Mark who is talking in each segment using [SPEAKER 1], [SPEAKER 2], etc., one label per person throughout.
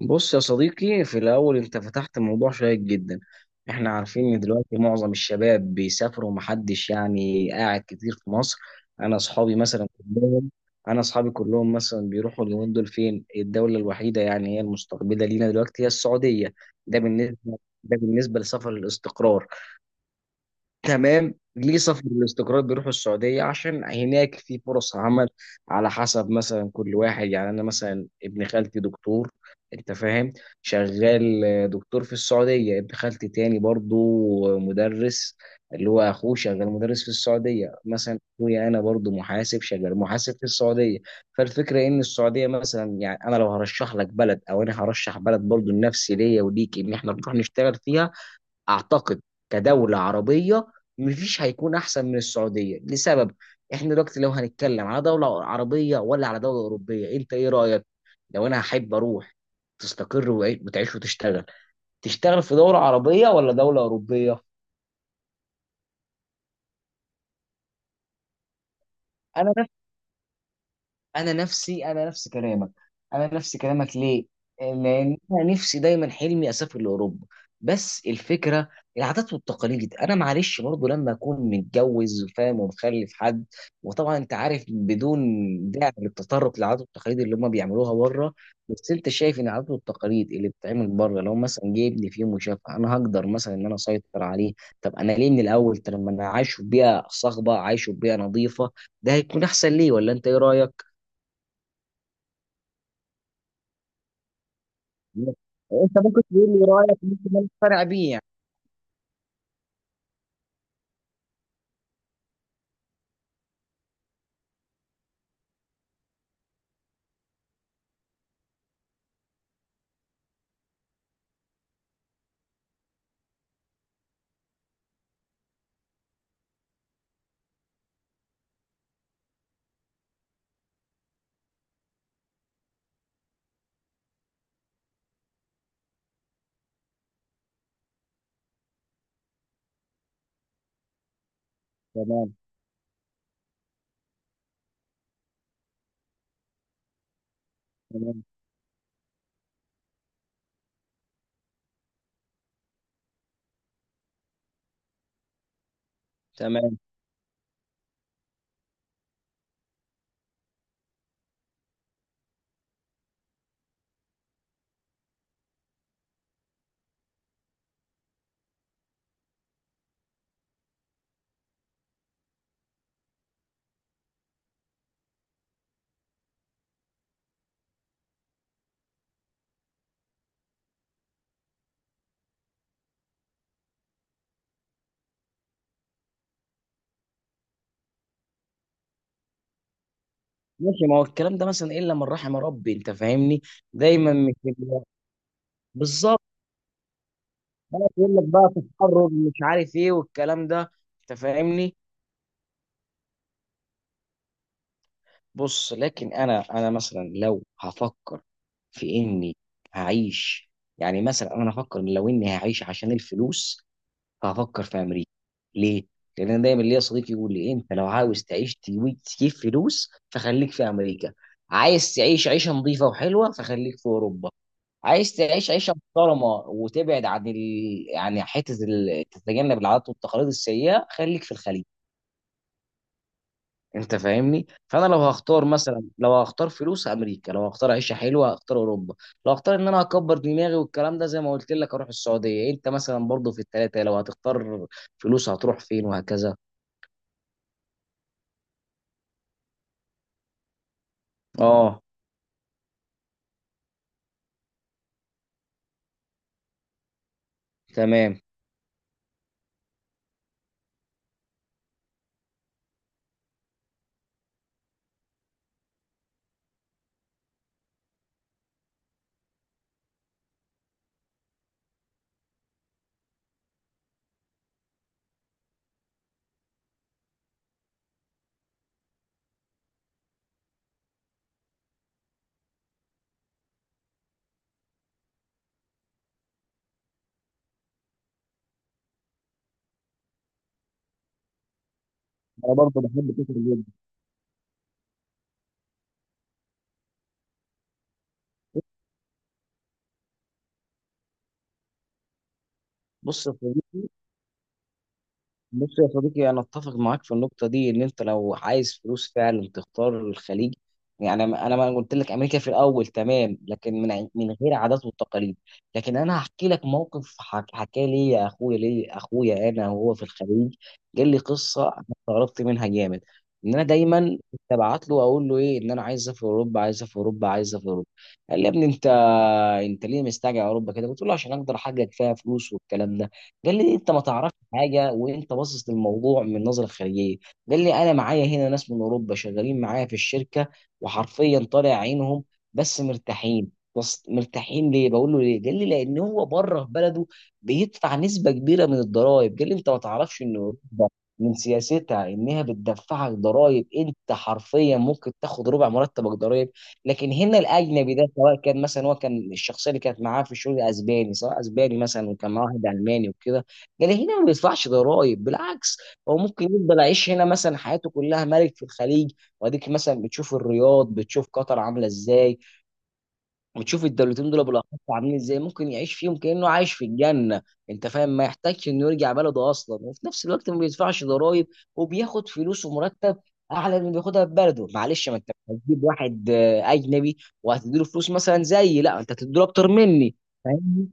[SPEAKER 1] بص يا صديقي، في الأول أنت فتحت موضوع شيق جدا. إحنا عارفين إن دلوقتي معظم الشباب بيسافروا ومحدش يعني قاعد كتير في مصر. أنا أصحابي مثلا كلهم أنا أصحابي كلهم مثلا بيروحوا اليومين دول. فين الدولة الوحيدة يعني هي المستقبلة لينا دلوقتي؟ هي السعودية. ده بالنسبة ده بالنسبة لسفر الاستقرار. تمام، ليه سافر الاستقرار بيروحوا السعودية؟ عشان هناك في فرص عمل، على حسب مثلا كل واحد. يعني أنا مثلا ابن خالتي دكتور، أنت فاهم، شغال آه، دكتور في السعودية. ابن خالتي تاني برضو مدرس، اللي هو أخوه، شغال مدرس في السعودية. مثلا أخويا أنا برضو محاسب، شغال محاسب في السعودية. فالفكرة إن السعودية مثلا، يعني أنا لو هرشح لك بلد، أو أنا هرشح بلد برضو لنفسي ليا وليك إن إحنا نروح نشتغل فيها، اعتقد كدوله عربيه مفيش هيكون احسن من السعوديه. لسبب، احنا دلوقتي لو هنتكلم على دوله عربيه ولا على دوله اوروبيه، انت ايه رايك؟ لو انا هحب اروح تستقر وتعيش وتشتغل، تشتغل في دوله عربيه ولا دوله اوروبيه؟ انا نفسي انا نفس كلامك انا نفس كلامك. ليه؟ لان انا نفسي دايما حلمي اسافر لاوروبا. بس الفكره، العادات والتقاليد، انا معلش برضه لما اكون متجوز، فاهم، ومخلف حد. وطبعا انت عارف بدون داعي للتطرق للعادات والتقاليد اللي هم بيعملوها بره. بس انت شايف ان العادات والتقاليد اللي بتتعمل بره، لو مثلا جايبني في يوم وشافها، انا هقدر مثلا ان انا اسيطر عليه؟ طب انا ليه من الاول؟ طب لما انا عايشه في بيئه صاخبه، عايشه في بيئه نظيفه، ده هيكون احسن ليه، ولا انت ايه رايك؟ انت ممكن تقول لي رايك، ممكن انا اقتنع بيه يعني. تمام، تمام، تمام. ماشي، ما هو الكلام ده مثلا الا من رحم ربي، انت فاهمني. دايما مش بيبقى- بالظبط. انا بقول لك بقى تحرر مش عارف ايه والكلام ده، انت فاهمني. بص، لكن انا مثلا لو هفكر في اني هعيش، يعني مثلا انا هفكر إن لو اني هعيش عشان الفلوس، فهفكر في امريكا. ليه؟ لان انا دايما ليا صديق يقول لي، انت لو عاوز تعيش تجيب فلوس فخليك في امريكا. عايز تعيش عيشه نظيفه وحلوه فخليك في اوروبا. عايز تعيش عيشه محترمه وتبعد عن ال... يعني حته ال... تتجنب العادات والتقاليد السيئه خليك في الخليج. انت فاهمني. فانا لو هختار مثلا، لو هختار فلوس، امريكا. لو هختار عيشه حلوه هختار اوروبا. لو هختار ان انا اكبر دماغي والكلام ده زي ما قلت لك اروح السعوديه. انت مثلا برضو في الثلاثه لو هتختار، فلوس هتروح فين وهكذا؟ اه، تمام. انا برضو بحب كتر جدا. بص يا صديقي، بص يا صديقي، انا اتفق معاك في النقطه دي، ان انت لو عايز فلوس فعلا تختار الخليج. يعني انا ما قلت لك امريكا في الاول تمام، لكن من غير عادات والتقاليد. لكن انا هحكي لك موقف حكى لي يا اخويا، لي اخويا انا وهو في الخليج. قال لي قصه، انا استغربت منها جامد. ان انا دايما كنت ابعت له، اقول له ايه، ان انا عايز اسافر اوروبا، عايز اسافر اوروبا، عايز اسافر اوروبا. قال لي، يا ابني انت ليه مستعجل على اوروبا كده؟ قلت له عشان اقدر احقق فيها فلوس والكلام ده. قال لي، انت ما تعرفش حاجه، وانت باصص للموضوع من نظره خارجيه. قال لي، انا معايا هنا ناس من اوروبا شغالين معايا في الشركه، وحرفيا طالع عينهم، بس مرتاحين. ليه؟ بقول له ليه. قال لي، لان هو بره في بلده بيدفع نسبه كبيره من الضرائب. قال لي، انت ما تعرفش ان اوروبا من سياستها انها بتدفعك ضرائب، انت حرفيا ممكن تاخد ربع مرتبك ضرائب. لكن هنا الاجنبي ده، سواء كان مثلا، هو كان الشخصيه اللي كانت معاه في الشغل اسباني، سواء اسباني مثلا، وكان معاه واحد الماني وكده. قال لي، هنا ما بيدفعش ضرائب، بالعكس. هو ممكن يفضل عايش هنا مثلا حياته كلها ملك في الخليج. واديك مثلا بتشوف الرياض، بتشوف قطر عامله ازاي، وتشوف الدولتين دول بالاخص عاملين ازاي، ممكن يعيش فيهم كانه عايش في الجنه. انت فاهم، ما يحتاجش انه يرجع بلده اصلا، وفي نفس الوقت ما بيدفعش ضرائب، وبياخد فلوس ومرتب اعلى من اللي بياخدها في بلده. معلش، ما انت مش هتجيب واحد آه، اجنبي وهتديله فلوس مثلا زيي، لا، انت هتديله اكتر مني، فاهمني.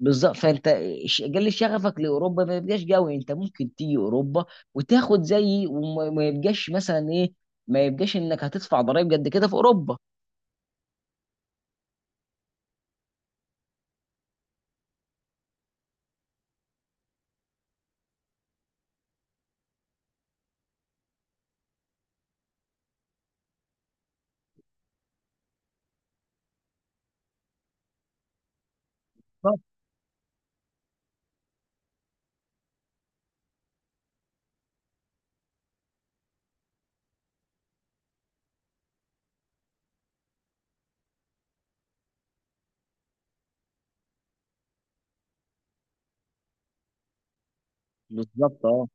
[SPEAKER 1] بالظبط. فانت قل شغفك لاوروبا، ما يبقاش قوي. انت ممكن تيجي اوروبا وتاخد زيي، وما ما يبقاش مثلا ايه، ما يبقاش انك هتدفع ضرائب قد كده في اوروبا. بالظبط، بالظبط. اه،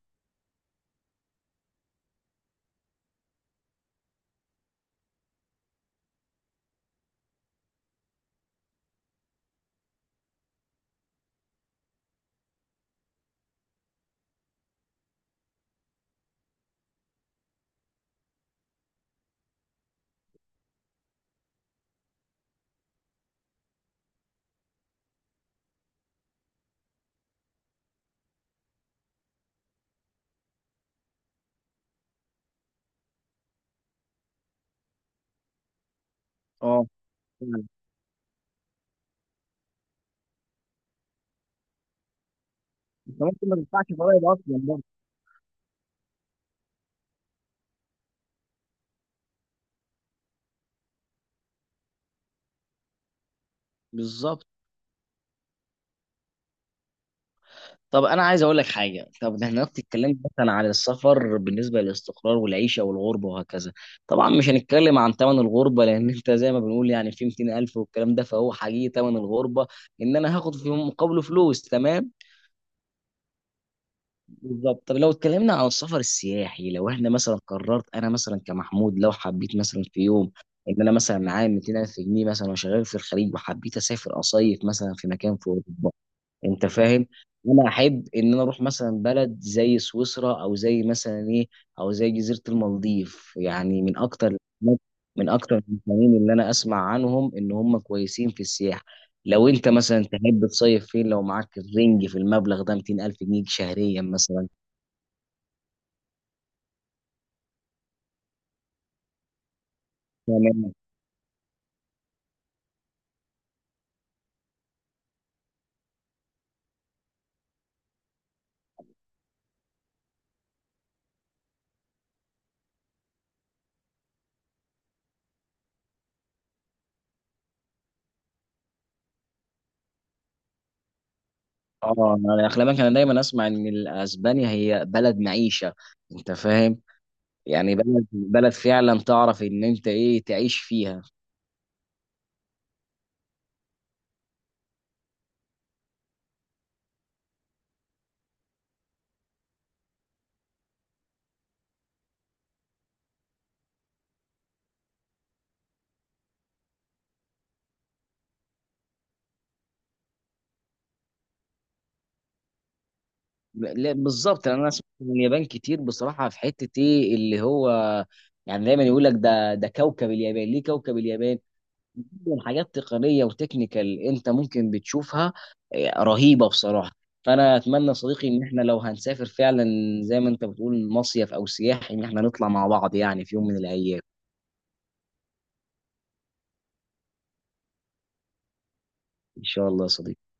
[SPEAKER 1] اه، فعلا. انت ممكن ما تدفعش ضرايب اصلا برضه. بالظبط. طب انا عايز اقول لك حاجه. طب ده احنا دلوقتي اتكلمنا مثلا على السفر بالنسبه للاستقرار والعيشه والغربه وهكذا. طبعا مش هنتكلم عن ثمن الغربه، لان انت زي ما بنقول يعني في 200,000 والكلام ده، فهو حقيقي ثمن الغربه، ان انا هاخد في مقابله فلوس. تمام، بالظبط. طب لو اتكلمنا عن السفر السياحي. لو احنا مثلا قررت، انا مثلا كمحمود، لو حبيت مثلا في يوم ان انا مثلا معايا 200,000 جنيه مثلا، وشغال في الخليج، وحبيت اسافر اصيف مثلا في مكان في اوروبا، انت فاهم. انا احب ان انا اروح مثلا بلد زي سويسرا، او زي مثلا ايه، او زي جزيره المالديف، يعني من اكتر، المكانين اللي انا اسمع عنهم ان هم كويسين في السياحه. لو انت مثلا تحب تصيف فين، لو معاك الرينج في المبلغ ده 200,000 الف جنيه شهريا مثلا؟ تمام. اه، انا اخلاقك، انا دايما اسمع ان ال- اسبانيا هي بلد معيشه، انت فاهم، يعني بلد، فعلا تعرف ان انت ايه تعيش فيها. لا بالظبط، لأن انا سمعت من اليابان كتير بصراحه، في حته ايه اللي هو يعني، دايما يقول لك ده، كوكب اليابان. ليه كوكب اليابان؟ من حاجات تقنيه وتكنيكال انت ممكن بتشوفها، إيه، رهيبه بصراحه. فانا اتمنى يا صديقي، ان احنا لو هنسافر فعلا زي ما انت بتقول مصيف او سياحي، ان احنا نطلع مع بعض يعني في يوم من الايام. ان شاء الله يا صديقي.